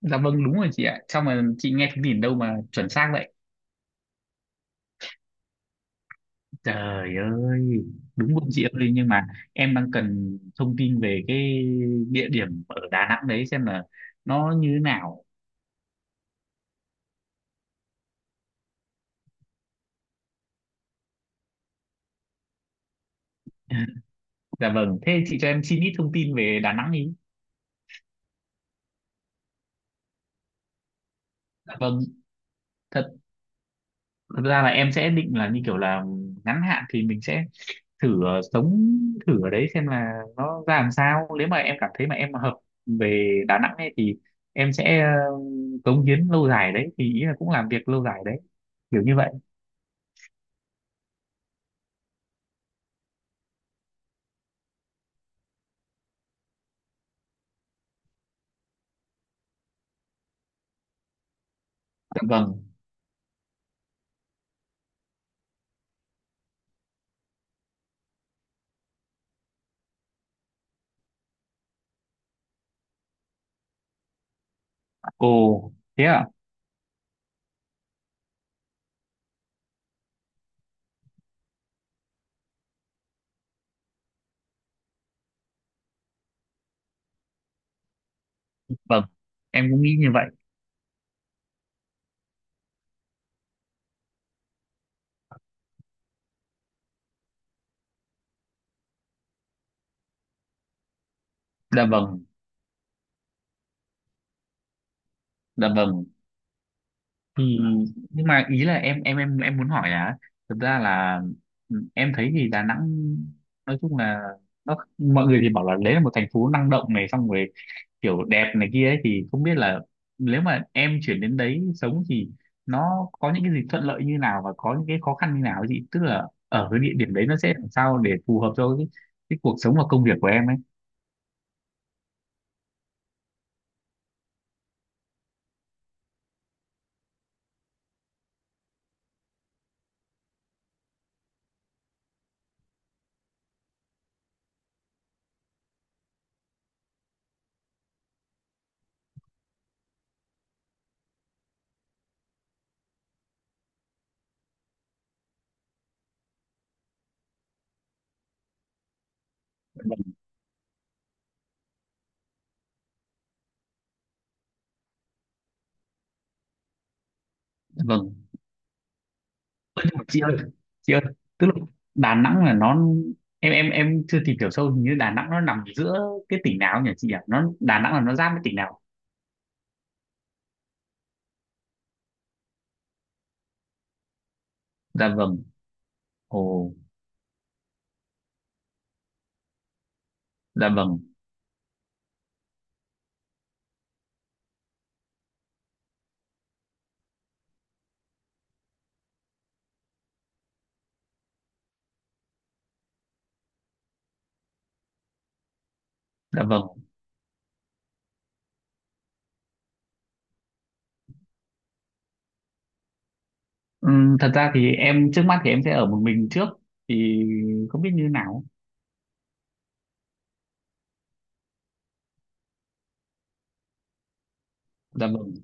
Dạ vâng, đúng rồi chị ạ. Sao mà chị nghe thông tin đâu mà chuẩn xác vậy? Trời ơi. Đúng không chị ơi? Nhưng mà em đang cần thông tin về cái địa điểm ở Đà Nẵng đấy. Xem là nó như thế nào. Dạ vâng. Thế chị cho em xin ít thông tin về Đà Nẵng ý. Dạ vâng. Thật, thật ra là em sẽ định là như kiểu là ngắn hạn thì mình sẽ thử sống thử ở đấy xem là nó ra làm sao, nếu mà em cảm thấy mà em hợp về Đà Nẵng ấy thì em sẽ cống hiến lâu dài đấy, thì ý là cũng làm việc lâu dài đấy, kiểu như vậy. Dạ vâng, ồ, thế à. Vâng, em cũng nghĩ như vậy. Dạ vâng, dạ vâng. Thì nhưng mà ý là em muốn hỏi là, thực ra là, em thấy thì Đà Nẵng nói chung là, nó mọi người thì bảo là đấy là một thành phố năng động này, xong rồi kiểu đẹp này kia ấy, thì không biết là nếu mà em chuyển đến đấy sống thì nó có những cái gì thuận lợi như nào và có những cái khó khăn như nào ấy chị, tức là ở cái địa điểm đấy nó sẽ làm sao để phù hợp cho cái cuộc sống và công việc của em ấy. Vâng. Chị ơi, chị ơi, tức là Đà Nẵng là nó, em chưa tìm hiểu sâu, hình như Đà Nẵng nó nằm giữa cái tỉnh nào nhỉ chị ạ, nó Đà Nẵng là nó giáp với tỉnh nào? Dạ vâng. Ồ. Dạ vâng, dạ vâng. Thật ra thì em trước mắt thì em sẽ ở một mình trước, thì không biết như thế nào. Dạ vâng.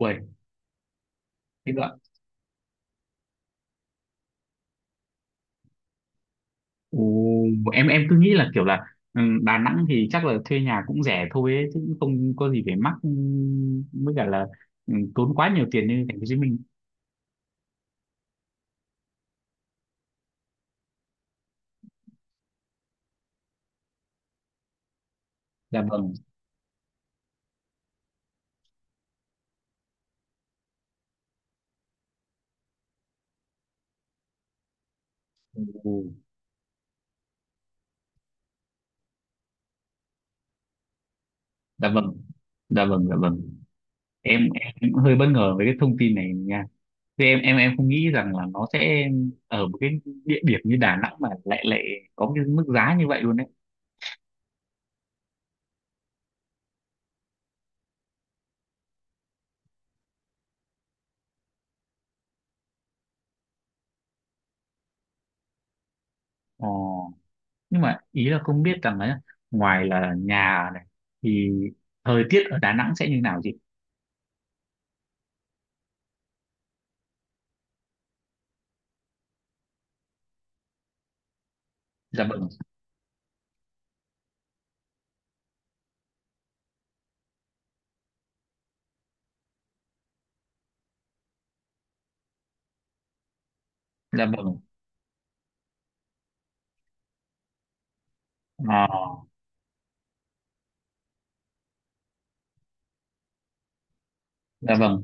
Uầy, thế cơ ạ. Ồ, em cứ nghĩ là kiểu là, Đà Nẵng thì chắc là thuê nhà cũng rẻ thôi ấy, chứ cũng không có gì phải mắc, với cả là tốn quá nhiều tiền như thành phố Hồ Chí Minh. Dạ vâng. Ồ, dạ vâng, dạ vâng, dạ vâng. Em cũng hơi bất ngờ với cái thông tin này nha. Thế em không nghĩ rằng là nó sẽ ở một cái địa điểm như Đà Nẵng mà lại lại có cái mức giá như vậy luôn đấy. Ồ, nhưng mà ý là không biết rằng ấy, ngoài là nhà này thì thời tiết ở Đà Nẵng sẽ như nào chị? Dạ vâng, dạ vâng, ờ, dạ vâng,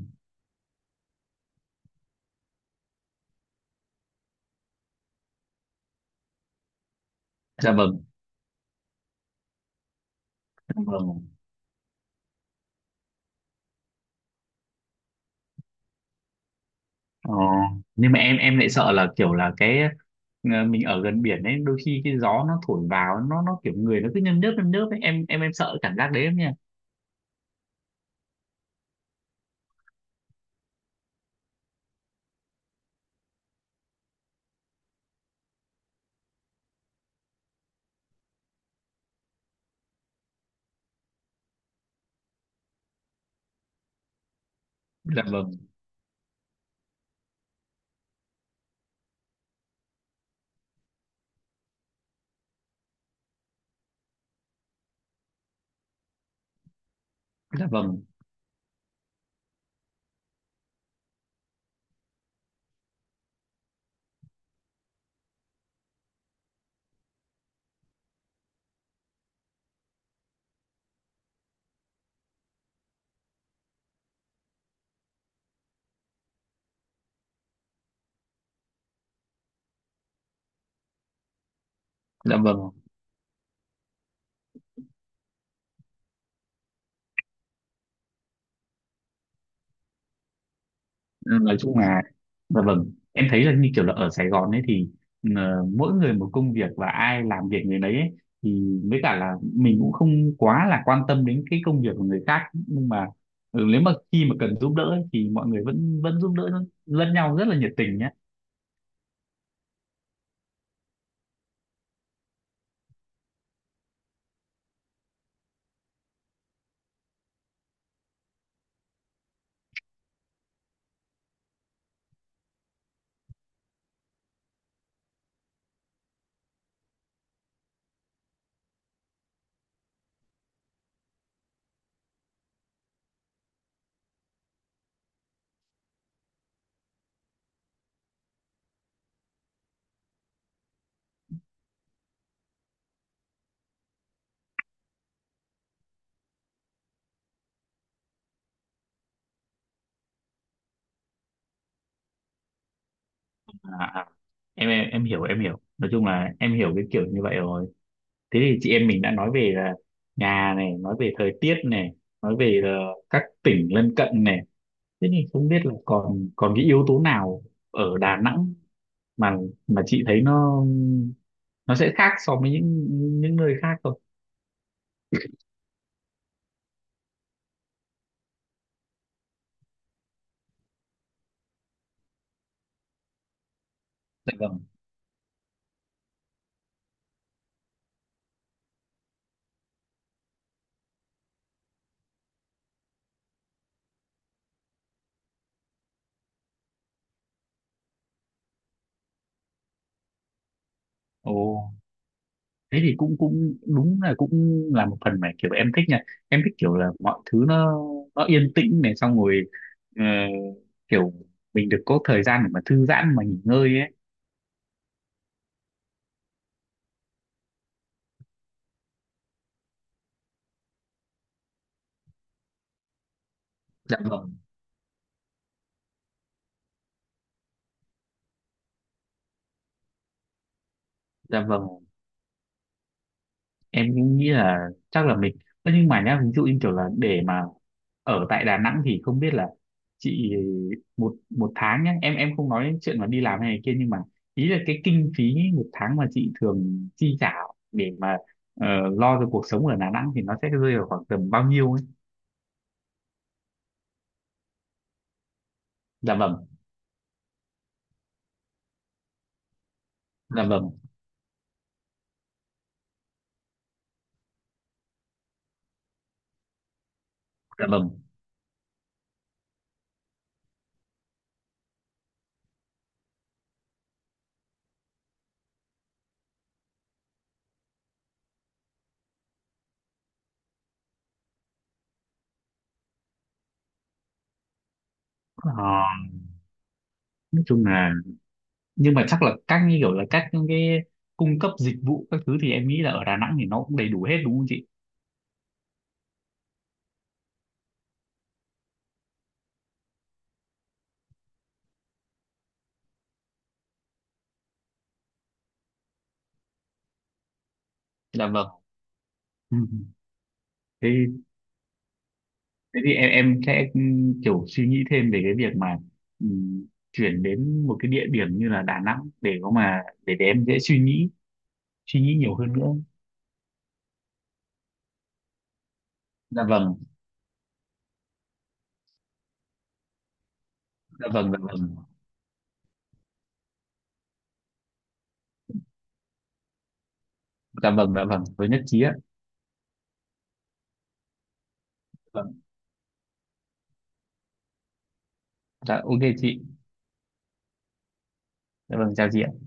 dạ vâng, dạ vâng. ờ, nhưng mà em lại sợ là kiểu là cái, mình ở gần biển ấy đôi khi cái gió nó thổi vào nó kiểu người nó cứ nhâm nhớp ấy, em sợ cảm giác đấy em nha. Dạ vâng, dạ vâng, dạ vâng. Ừ, nói chung là, dạ vâng, em thấy là như kiểu là ở Sài Gòn ấy thì, mỗi người một công việc và ai làm việc người đấy ấy, thì với cả là mình cũng không quá là quan tâm đến cái công việc của người khác, nhưng mà nếu mà khi mà cần giúp đỡ ấy, thì mọi người vẫn vẫn giúp đỡ lẫn nhau rất là nhiệt tình nhé. à, à, em hiểu, nói chung là em hiểu cái kiểu như vậy rồi. Thế thì chị em mình đã nói về là nhà này, nói về thời tiết này, nói về là các tỉnh lân cận này. Thế thì không biết là còn còn cái yếu tố nào ở Đà Nẵng mà mà chị thấy nó sẽ khác so với những nơi khác không? Dạ vâng. Ồ, thế thì cũng cũng đúng là cũng là một phần mà kiểu em thích nha. Em thích kiểu là mọi thứ nó yên tĩnh này, xong rồi ờ, kiểu mình được có thời gian để mà thư giãn mà nghỉ ngơi ấy. Dạ vâng, dạ vâng. Em cũng nghĩ là chắc là mình. Ơ nhưng mà nhá, ví dụ như kiểu là để mà ở tại Đà Nẵng thì không biết là chị, một một tháng nhá, em không nói đến chuyện mà đi làm hay này kia, nhưng mà ý là cái kinh phí một tháng mà chị thường chi trả để mà ờ, lo cho cuộc sống ở Đà Nẵng thì nó sẽ rơi vào khoảng tầm bao nhiêu ấy. Dạ vâng, dạ vâng, dạ vâng. Ờ, nói chung là, nhưng mà chắc là các như kiểu là các những cái cung cấp dịch vụ các thứ thì em nghĩ là ở Đà Nẵng thì nó cũng đầy đủ hết đúng không chị? Dạ vâng. Ừ. Thế thế thì em sẽ, kiểu suy nghĩ thêm về cái việc mà, ừm, chuyển đến một cái địa điểm như là Đà Nẵng, để có mà để em dễ suy nghĩ, nhiều hơn nữa. Dạ vâng, dạ vâng, dạ vâng. Dạ vâng, dạ vâng, với nhất trí ạ. Vâng. Dạ ok chị. Dạ vâng, chào chị ạ.